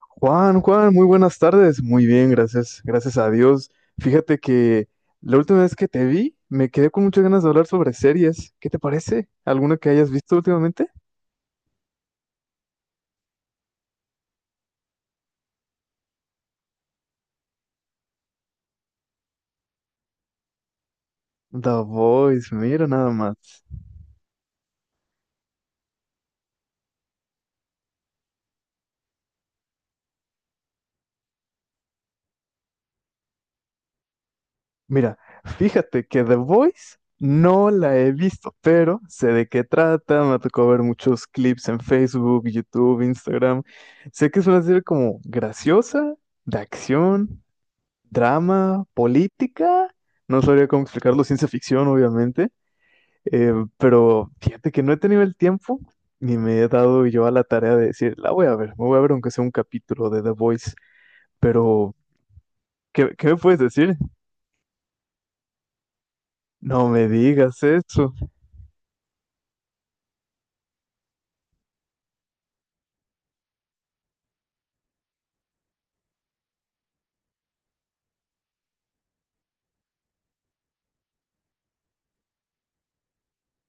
Juan, Juan, muy buenas tardes. Muy bien, gracias, gracias a Dios. Fíjate que la última vez que te vi, me quedé con muchas ganas de hablar sobre series. ¿Qué te parece? ¿Alguna que hayas visto últimamente? The Voice, mira nada más. Mira, fíjate que The Voice no la he visto, pero sé de qué trata, me tocó ver muchos clips en Facebook, YouTube, Instagram. Sé que es una serie como graciosa, de acción, drama, política. No sabría cómo explicarlo, ciencia ficción, obviamente. Pero fíjate que no he tenido el tiempo ni me he dado yo a la tarea de decir, la voy a ver, me voy a ver aunque sea un capítulo de The Voice. Pero, ¿qué me puedes decir? No me digas eso.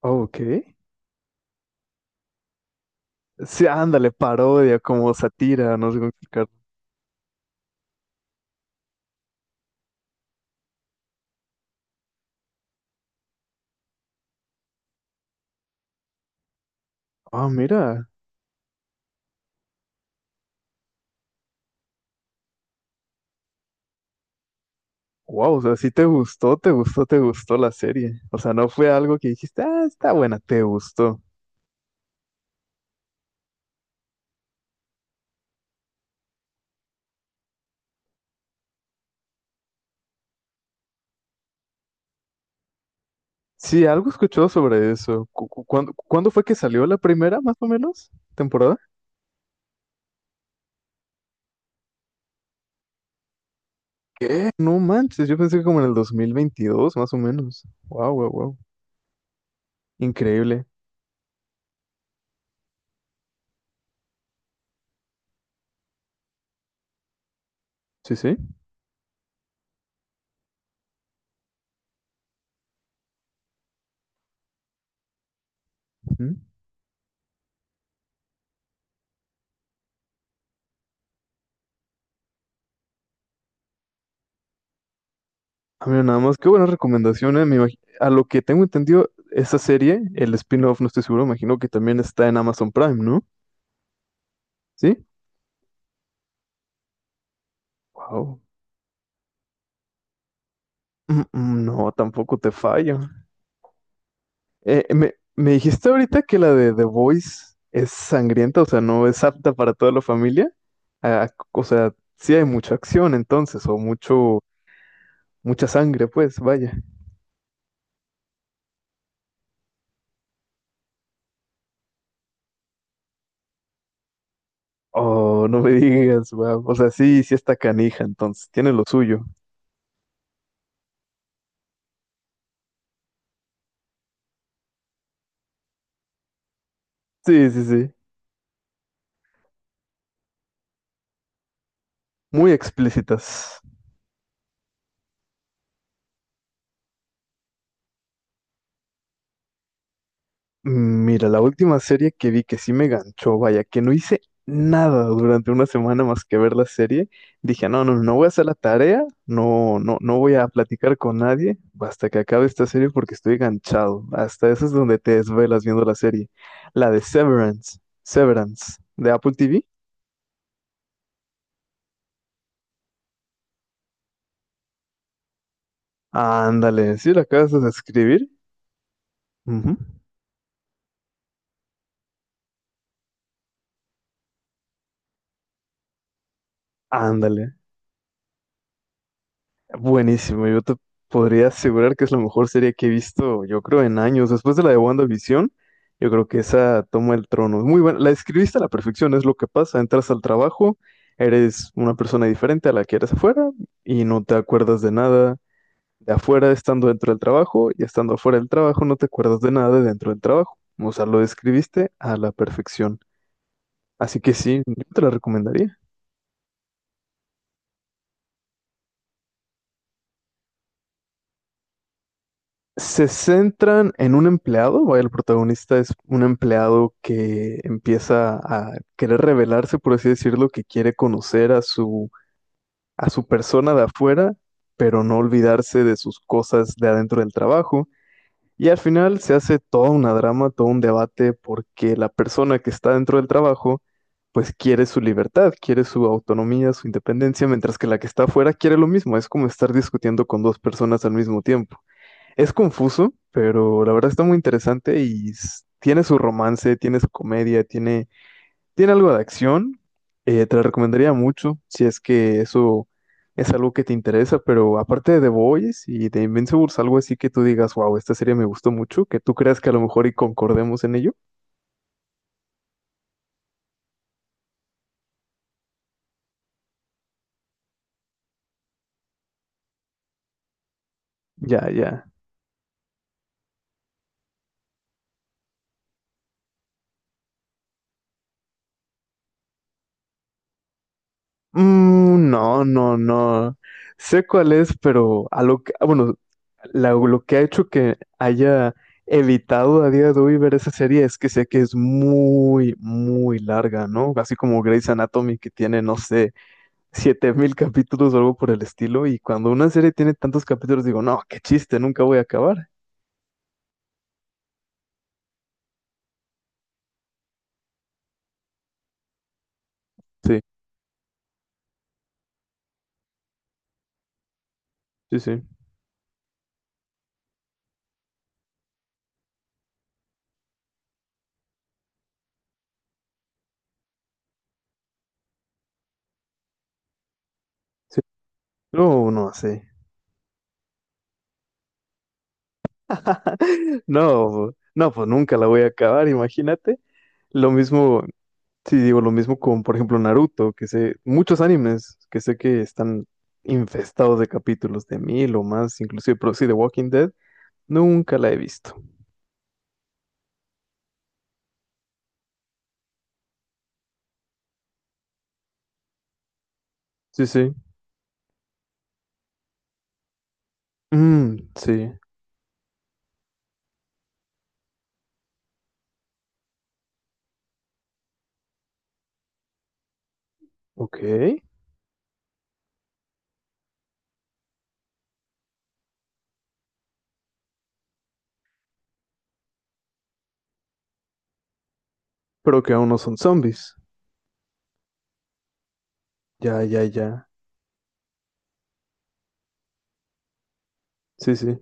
Ah, ok. Sí, ándale, parodia, como sátira, no sé cómo explicarlo. Ah, mira. Wow, o sea, sí te gustó, te gustó, te gustó la serie. O sea, no fue algo que dijiste, ah, está buena, te gustó. Sí, algo he escuchado sobre eso. ¿Cuándo fue que salió la primera, más o menos? ¿Temporada? ¿Qué? No manches, yo pensé que como en el 2022, más o menos. Wow, wow, wow. Increíble. Sí, sí. Ujú. Ah, mira, nada más, qué buena recomendación, a lo que tengo entendido, esa serie, el spin-off, no estoy seguro, imagino que también está en Amazon Prime, ¿no? ¿Sí? Wow. Mm, mm, no, tampoco te fallo. Me dijiste ahorita que la de The Voice es sangrienta, o sea, no es apta para toda la familia. Ah, o sea, sí hay mucha acción entonces, o mucha sangre, pues, vaya. Oh, no me digas, wow. O sea, sí, sí está canija entonces, tiene lo suyo. Sí, sí, sí. Muy explícitas. Mira, la última serie que vi que sí me ganchó, vaya, que no hice nada durante una semana más que ver la serie, dije, no, no, no voy a hacer la tarea, no, no, no voy a platicar con nadie hasta que acabe esta serie porque estoy ganchado. Hasta eso es donde te desvelas viendo la serie. La de Severance, Severance, de Apple TV. Ándale, ¿sí la acabas de escribir? Ándale. Buenísimo, yo te podría asegurar que es la mejor serie que he visto, yo creo, en años. Después de la de WandaVision, yo creo que esa toma el trono. Es muy buena, la escribiste a la perfección, es lo que pasa. Entras al trabajo, eres una persona diferente a la que eres afuera y no te acuerdas de nada de afuera estando dentro del trabajo y estando afuera del trabajo no te acuerdas de nada de dentro del trabajo. O sea, lo describiste a la perfección. Así que sí, yo te la recomendaría. Se centran en un empleado, vaya, el protagonista es un empleado que empieza a querer revelarse, por así decirlo, que quiere conocer a su persona de afuera, pero no olvidarse de sus cosas de adentro del trabajo. Y al final se hace toda una drama, todo un debate, porque la persona que está dentro del trabajo, pues quiere su libertad, quiere su autonomía, su independencia, mientras que la que está afuera quiere lo mismo. Es como estar discutiendo con dos personas al mismo tiempo. Es confuso, pero la verdad está muy interesante y s- tiene su romance, tiene su comedia, tiene algo de acción. Te la recomendaría mucho si es que eso es algo que te interesa, pero aparte de The Boys y de Invincibles, algo así que tú digas, wow, esta serie me gustó mucho, que tú creas que a lo mejor y concordemos en ello. Ya, ya. Mm, no, no, no. Sé cuál es, pero a lo que, ah, bueno, lo que ha hecho que haya evitado a día de hoy ver esa serie es que sé que es muy, muy larga, ¿no? Así como Grey's Anatomy que tiene, no sé, 7000 capítulos o algo por el estilo. Y cuando una serie tiene tantos capítulos, digo, no, qué chiste, nunca voy a acabar. Sí, sí, sí, sí. No, no, sí. No, no, pues nunca la voy a acabar, imagínate. Lo mismo. Sí, digo lo mismo con, por ejemplo, Naruto, que sé, muchos animes que sé que están infestados de capítulos de 1000 o más, inclusive, pero sí, de Walking Dead, nunca la he visto. Sí, sí. Mm, sí, ok. Pero que aún no son zombies. Ya, ya, ya. Sí, sí.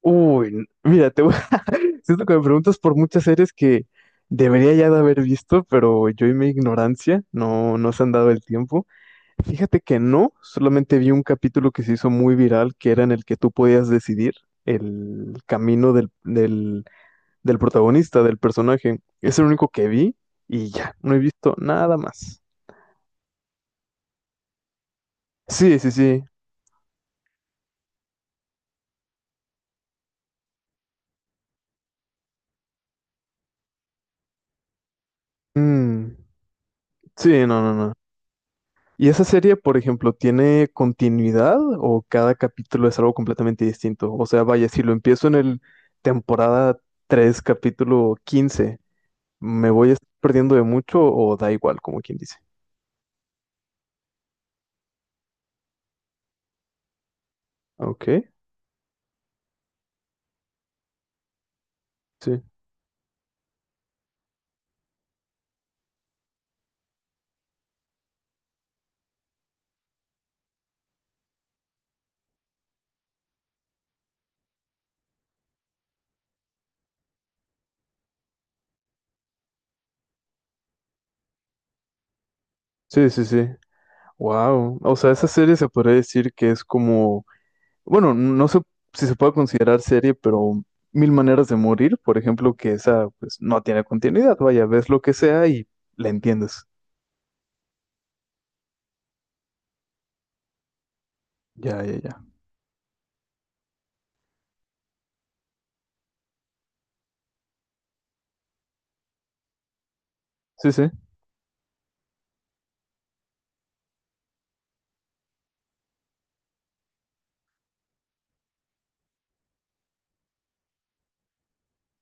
Uy, mira, te voy... siento que me preguntas por muchas series que debería ya de haber visto, pero yo y mi ignorancia no, no se han dado el tiempo. Fíjate que no, solamente vi un capítulo que se hizo muy viral, que era en el que tú podías decidir el camino del, del, del protagonista, del personaje. Es el único que vi y ya, no he visto nada más. Sí, sí, sí. Mm, sí, no, no, no. ¿Y esa serie, por ejemplo, tiene continuidad o cada capítulo es algo completamente distinto? O sea, vaya, si lo empiezo en el temporada 3 capítulo 15, ¿me voy a estar perdiendo de mucho o da igual, como quien dice? Ok. Sí, sí, sí, sí. Wow. O sea, esa serie se podría decir que es como, bueno, no sé si se puede considerar serie, pero Mil Maneras de Morir, por ejemplo, que esa pues no tiene continuidad. Vaya, ves lo que sea y la entiendes. Ya, ya, ya. Sí, sí.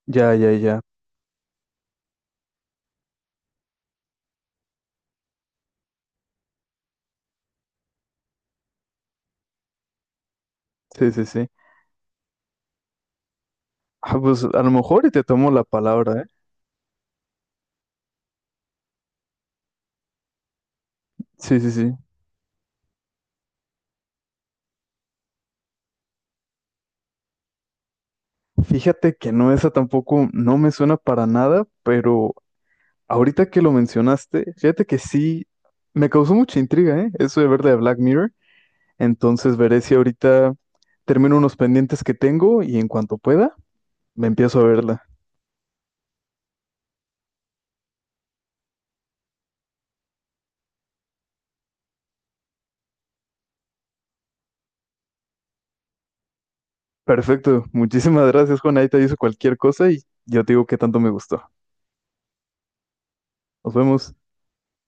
Ya, ya, ya. Sí, sí, sí. Ah, pues a lo mejor y te tomo la palabra, ¿eh? Sí, sí, sí. Fíjate que no, esa tampoco no me suena para nada, pero ahorita que lo mencionaste, fíjate que sí, me causó mucha intriga, ¿eh? Eso de ver la de Black Mirror. Entonces veré si ahorita termino unos pendientes que tengo y en cuanto pueda, me empiezo a verla. Perfecto, muchísimas gracias, Juan. Ahí te aviso cualquier cosa y yo te digo qué tanto me gustó. Nos vemos.